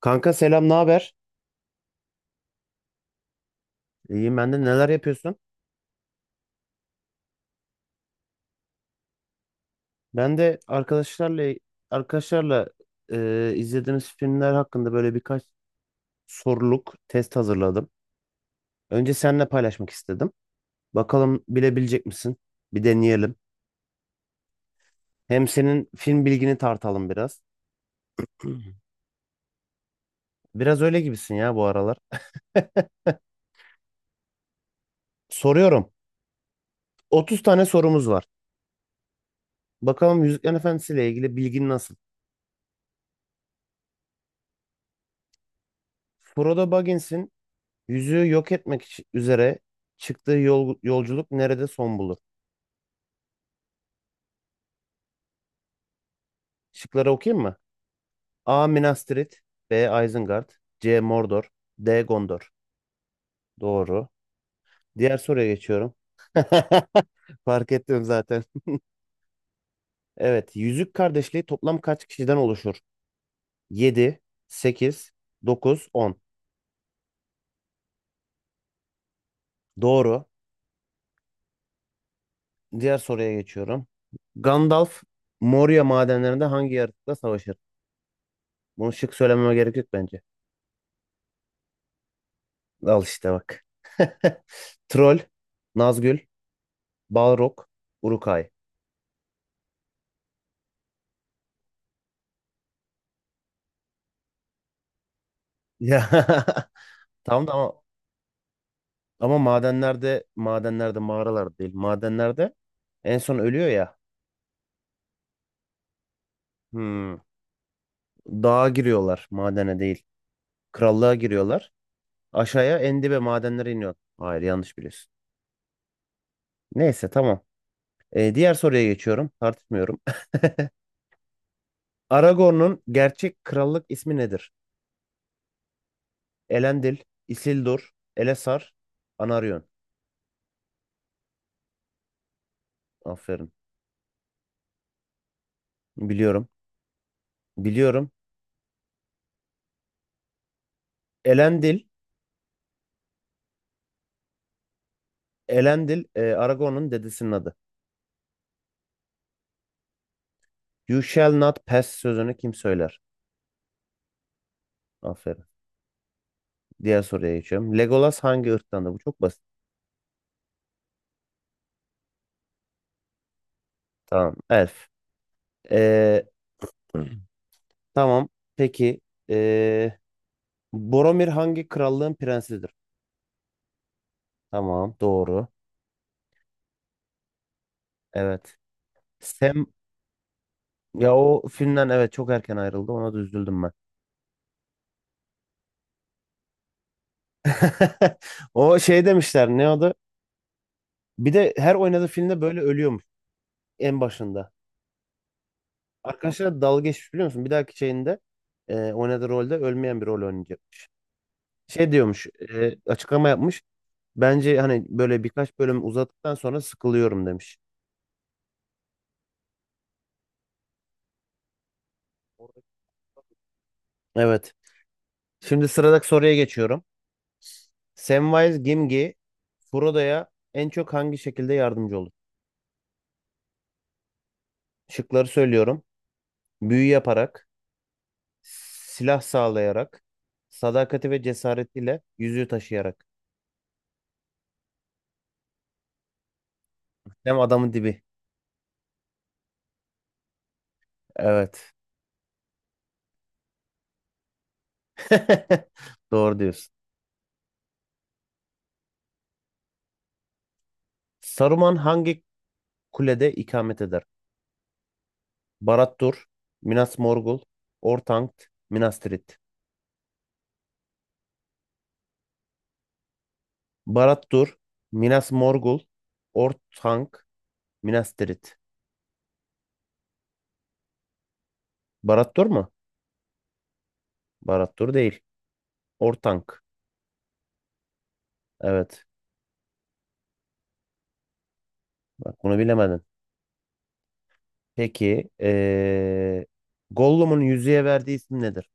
Kanka selam, ne haber? İyiyim ben de neler yapıyorsun? Ben de arkadaşlarla izlediğimiz filmler hakkında böyle birkaç soruluk test hazırladım. Önce seninle paylaşmak istedim. Bakalım bilebilecek misin? Bir deneyelim. Hem senin film bilgini tartalım biraz. Biraz öyle gibisin ya bu aralar. Soruyorum. 30 tane sorumuz var. Bakalım Yüzüklerin Efendisi ile ilgili bilgin nasıl? Frodo Baggins'in yüzüğü yok etmek için- üzere çıktığı yolculuk nerede son bulur? Şıkları okuyayım mı? A. Minas Tirith, B. Isengard, C. Mordor, D. Gondor. Doğru. Diğer soruya geçiyorum. Fark ettim zaten. Evet. Yüzük Kardeşliği toplam kaç kişiden oluşur? 7, 8, 9, 10. Doğru. Diğer soruya geçiyorum. Gandalf Moria madenlerinde hangi yaratıkla savaşır? Bunu şık söylememe gerek yok bence. Al işte bak. Troll, Nazgül, Balrog, Uruk-hai. Ya tam da ama Ama madenlerde, mağaralar değil. Madenlerde en son ölüyor ya. Hmm. Dağa giriyorlar, madene değil. Krallığa giriyorlar. Aşağıya en dibe madenlere iniyor. Hayır, yanlış biliyorsun. Neyse tamam. Diğer soruya geçiyorum. Tartışmıyorum. Aragorn'un gerçek krallık ismi nedir? Elendil, Isildur, Elessar, Anarion. Aferin. Biliyorum. Biliyorum. Elendil, Elendil Aragorn'un dedesinin adı. You shall not pass sözünü kim söyler? Aferin. Diğer soruya geçiyorum. Legolas hangi ırktandı? Bu çok basit. Tamam. Elf. Ee, tamam. Peki. Ee, boromir hangi krallığın prensidir? Tamam. Doğru. Evet. Sam ya o filmden evet çok erken ayrıldı. Ona da üzüldüm ben. O şey demişler ne adı? Bir de her oynadığı filmde böyle ölüyormuş en başında. Arkadaşlar dalga geçmiş biliyor musun? Bir dahaki şeyinde oynadığı rolde ölmeyen bir rol oynayacakmış. Şey diyormuş, açıklama yapmış. Bence hani böyle birkaç bölüm uzattıktan sonra sıkılıyorum demiş. Evet. Şimdi sıradaki soruya geçiyorum. Samwise Gamgee Frodo'ya en çok hangi şekilde yardımcı olur? Şıkları söylüyorum. Büyü yaparak, silah sağlayarak, sadakati ve cesaretiyle, yüzüğü taşıyarak. Hem adamın dibi. Evet. Doğru diyorsun. Saruman hangi kulede ikamet eder? Barad-dûr, Minas Morgul, Orthanc, Minas Tirith. Barad Dur, Minas Morgul, Ortank, Minas Tirith. Barad Dur mu? Barad Dur değil. Ortank. Evet. Bak bunu bilemedin. Peki. Gollum'un yüzüğe verdiği isim nedir?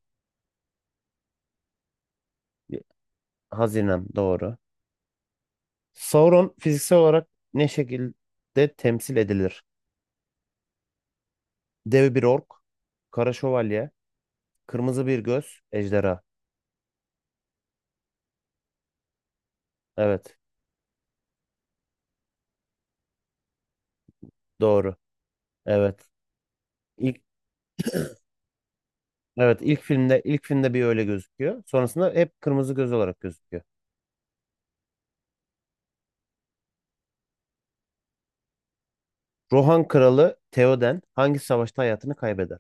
Hazinem. Doğru. Sauron fiziksel olarak ne şekilde temsil edilir? Dev bir ork, kara şövalye, kırmızı bir göz, ejderha. Evet. Doğru. Evet. İlk, evet ilk filmde bir öyle gözüküyor. Sonrasında hep kırmızı göz olarak gözüküyor. Rohan kralı Theoden hangi savaşta hayatını kaybeder?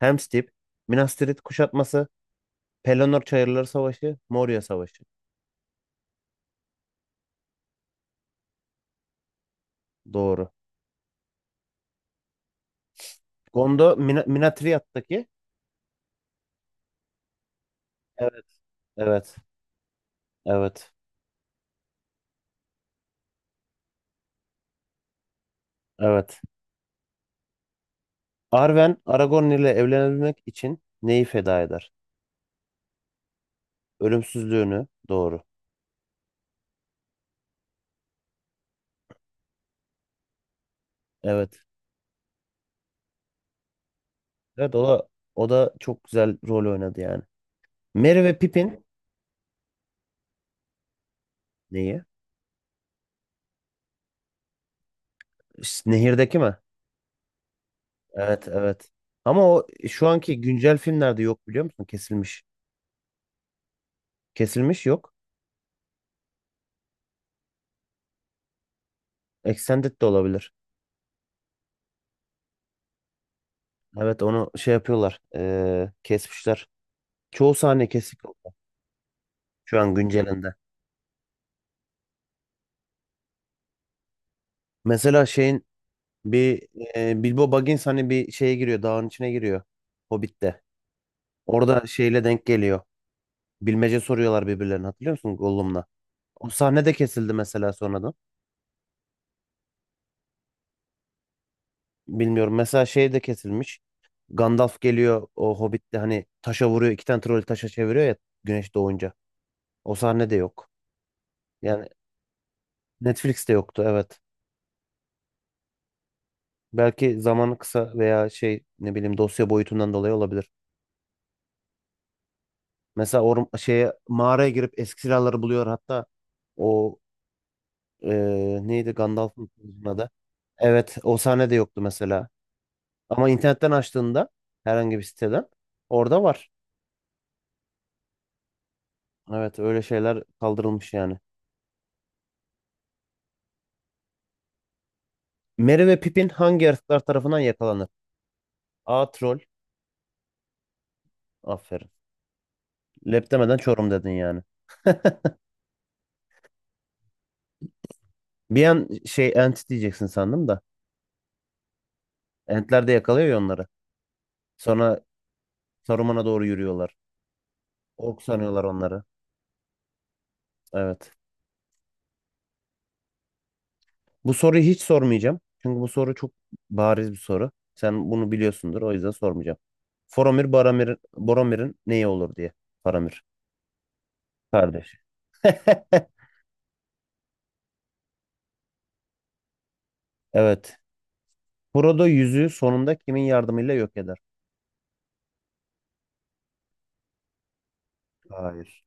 Helm's Deep, Minas Tirith kuşatması, Pelennor Çayırları Savaşı, Moria Savaşı. Doğru. Gondo Mina, Minatriyat'taki evet, evet, evet, evet. Arwen Aragorn ile evlenebilmek için neyi feda eder? Ölümsüzlüğünü. Doğru. Evet. Evet o da, o da çok güzel rol oynadı yani. Merry ve Pippin neyi? Ş- Nehirdeki mi? Evet, evet. Ama o şu anki güncel filmlerde yok biliyor musun? Kesilmiş. Kesilmiş yok. Extended de olabilir. Evet onu şey yapıyorlar. Kesmişler. Çoğu sahne kesik şu an güncelinde. Mesela şeyin bir Bilbo Baggins hani bir şeye giriyor. Dağın içine giriyor. Hobbit'te. Orada şeyle denk geliyor. Bilmece soruyorlar birbirlerine hatırlıyor musun Gollum'la? O sahne de kesildi mesela sonradan. Bilmiyorum. Mesela şey de kesilmiş. Gandalf geliyor o Hobbit'te hani taşa vuruyor. İki tane troll taşa çeviriyor ya güneş doğunca. O sahne de yok. Yani Netflix'te yoktu evet. Belki zamanı kısa veya şey ne bileyim dosya boyutundan dolayı olabilir. Mesela or şeye mağaraya girip eski silahları buluyor hatta o neydi Gandalf'ın kılıcının adı. Evet o sahne de yoktu mesela. Ama internetten açtığında herhangi bir siteden orada var. Evet öyle şeyler kaldırılmış yani. Merry ve Pippin hangi yaratıklar tarafından yakalanır? A. Troll. Aferin. Lep demeden Çorum dedin yani. Bir an şey Ent diyeceksin sandım da. Entler de yakalıyor ya onları. Sonra Saruman'a doğru yürüyorlar. Ork sanıyorlar onları. Evet. Bu soruyu hiç sormayacağım. Çünkü bu soru çok bariz bir soru. Sen bunu biliyorsundur. O yüzden sormayacağım. Faramir Baramir, Boromir'in neyi olur diye. Faramir. Kardeş. Evet. Frodo yüzüğü sonunda kimin yardımıyla yok eder? Hayır.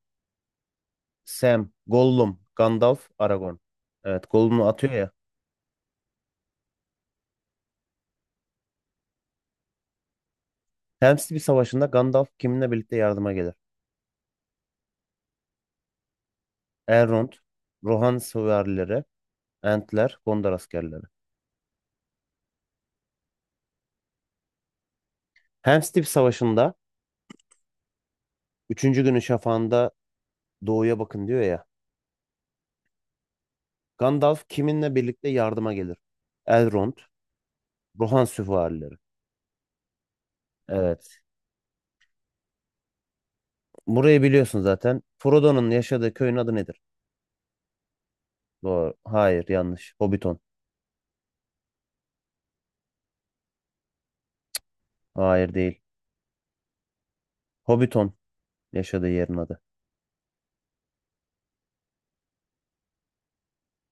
Sam, Gollum, Gandalf, Aragorn. Evet, Gollum'u atıyor ya. Helm's savaşında Gandalf kiminle birlikte yardıma gelir? Elrond, Rohan süvarileri, Entler, Gondor askerleri. Helm's Deep Savaşı'nda üçüncü günün şafağında doğuya bakın diyor ya. Gandalf kiminle birlikte yardıma gelir? Elrond, Rohan süvarileri. Evet. Burayı biliyorsun zaten. Frodo'nun yaşadığı köyün adı nedir? Doğru. Hayır, yanlış. Hobbiton. Hayır değil. Hobbiton yaşadığı yerin adı.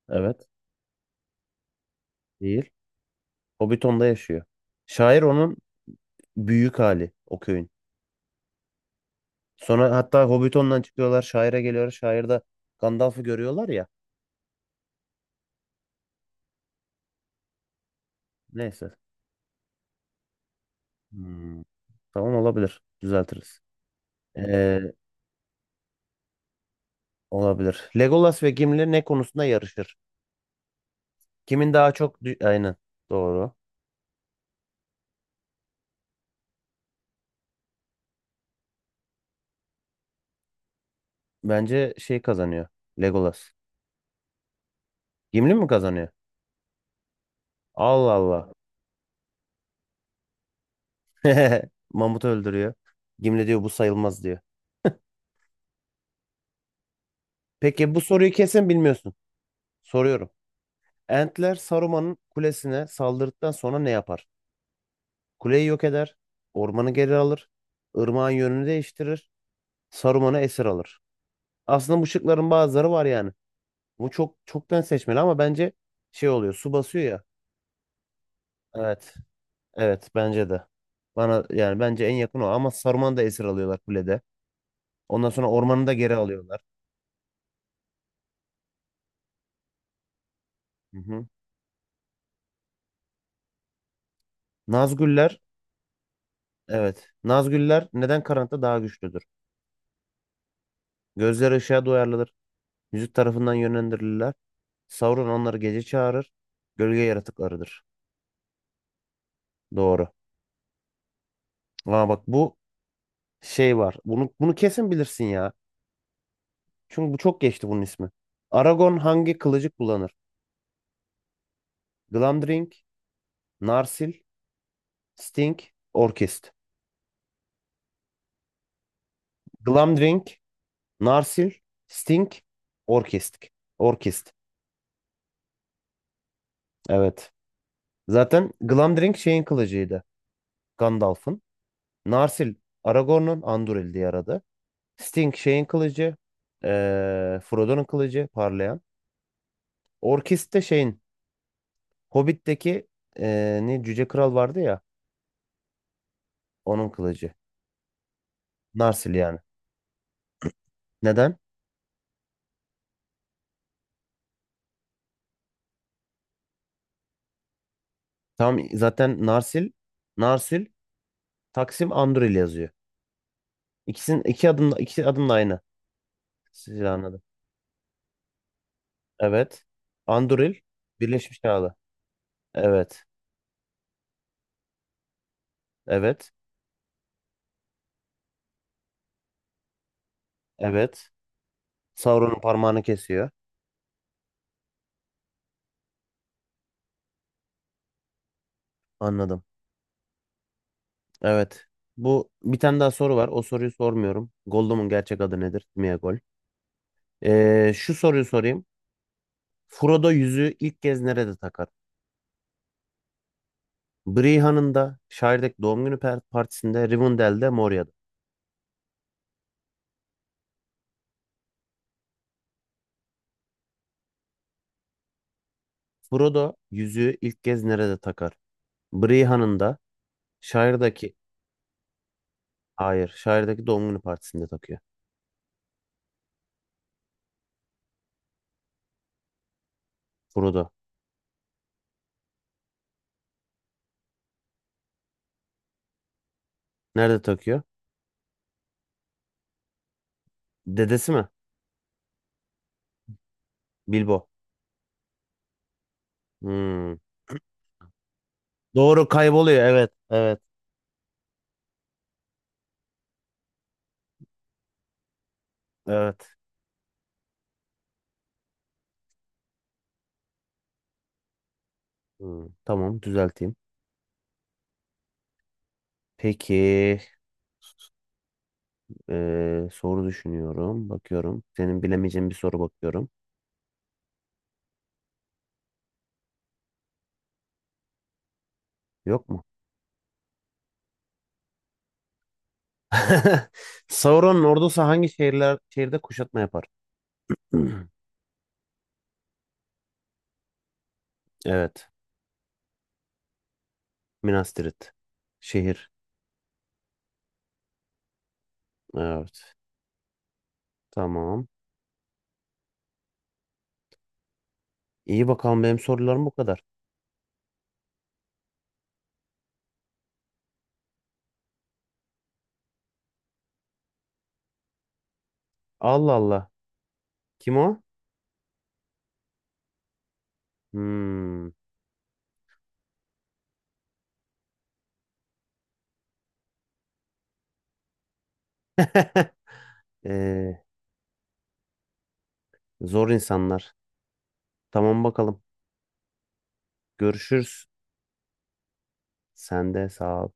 Evet. Değil. Hobbiton'da yaşıyor. Şair onun büyük hali o köyün. Sonra hatta Hobbiton'dan çıkıyorlar, şaire geliyorlar. Şairde Gandalf'ı görüyorlar ya. Neyse. Hmm, tamam olabilir. Düzeltiriz. Ee, olabilir. Legolas ve Gimli ne konusunda yarışır? Kimin daha çok... dü- Aynen. Doğru. Bence şey kazanıyor. Legolas. Gimli mi kazanıyor? Allah Allah. Mamut öldürüyor. Gimli diyor bu sayılmaz diyor. Peki bu soruyu kesin bilmiyorsun. Soruyorum. Entler Saruman'ın kulesine saldırdıktan sonra ne yapar? Kuleyi yok eder. Ormanı geri alır. Irmağın yönünü değiştirir. Saruman'ı esir alır. Aslında bu şıkların bazıları var yani. Bu çok çoktan seçmeli ama bence şey oluyor. Su basıyor ya. Evet. Evet bence de. Bana yani bence en yakın o ama Saruman'ı da esir alıyorlar kulede. Ondan sonra ormanı da geri alıyorlar. Hı hı. Nazgüller evet. Nazgüller neden karanlıkta daha güçlüdür? Gözleri ışığa duyarlıdır. Müzik tarafından yönlendirilirler. Sauron onları gece çağırır. Gölge yaratıklarıdır. Doğru. Aa bak bu şey var. Bunu kesin bilirsin ya. Çünkü bu çok geçti bunun ismi. Aragon hangi kılıcı kullanır? Glamdring, Narsil, Sting, Orkest. Glamdring, Narsil, Sting, Orkest. Orkest. Evet. Zaten Glamdring şeyin kılıcıydı. Gandalf'ın. Narsil, Aragorn'un Anduril diye aradı. Sting şeyin kılıcı. Frodo'nun kılıcı parlayan. Orkest de şeyin Hobbit'teki ne Cüce Kral vardı ya onun kılıcı. Narsil yani. Neden? Tam zaten Narsil Taksim Anduril yazıyor. İkisinin iki adım da aynı silahın adı. Evet. Anduril Birleşmiş Krallık. Evet. Evet. Evet. Sauron'un parmağını kesiyor. Anladım. Evet. Bu bir tane daha soru var. O soruyu sormuyorum. Gollum'un gerçek adı nedir? Sméagol. Şu soruyu sorayım. Frodo yüzüğü ilk kez nerede takar? Briha'nın da Shire'daki doğum günü partisinde, Rivendell'de, Moria'da. Frodo yüzüğü ilk kez nerede takar? Briha'nın da Shire'daki Hayır. Şairdeki doğum günü partisinde takıyor. Frodo. Nerede takıyor? Dedesi mi? Bilbo. Hmm. Doğru kayboluyor. Evet. Evet. Evet. Hmm, tamam düzelteyim. Peki soru düşünüyorum. Bakıyorum. Senin bilemeyeceğin bir soru bakıyorum. Yok mu? Sauron'un ordusu hangi şehirde kuşatma yapar? Evet. Minas Tirith. Şehir. Evet. Tamam. İyi bakalım benim sorularım bu kadar. Allah Allah. Kim o? Hmm. Ee, zor insanlar. Tamam bakalım. Görüşürüz. Sen de sağ ol.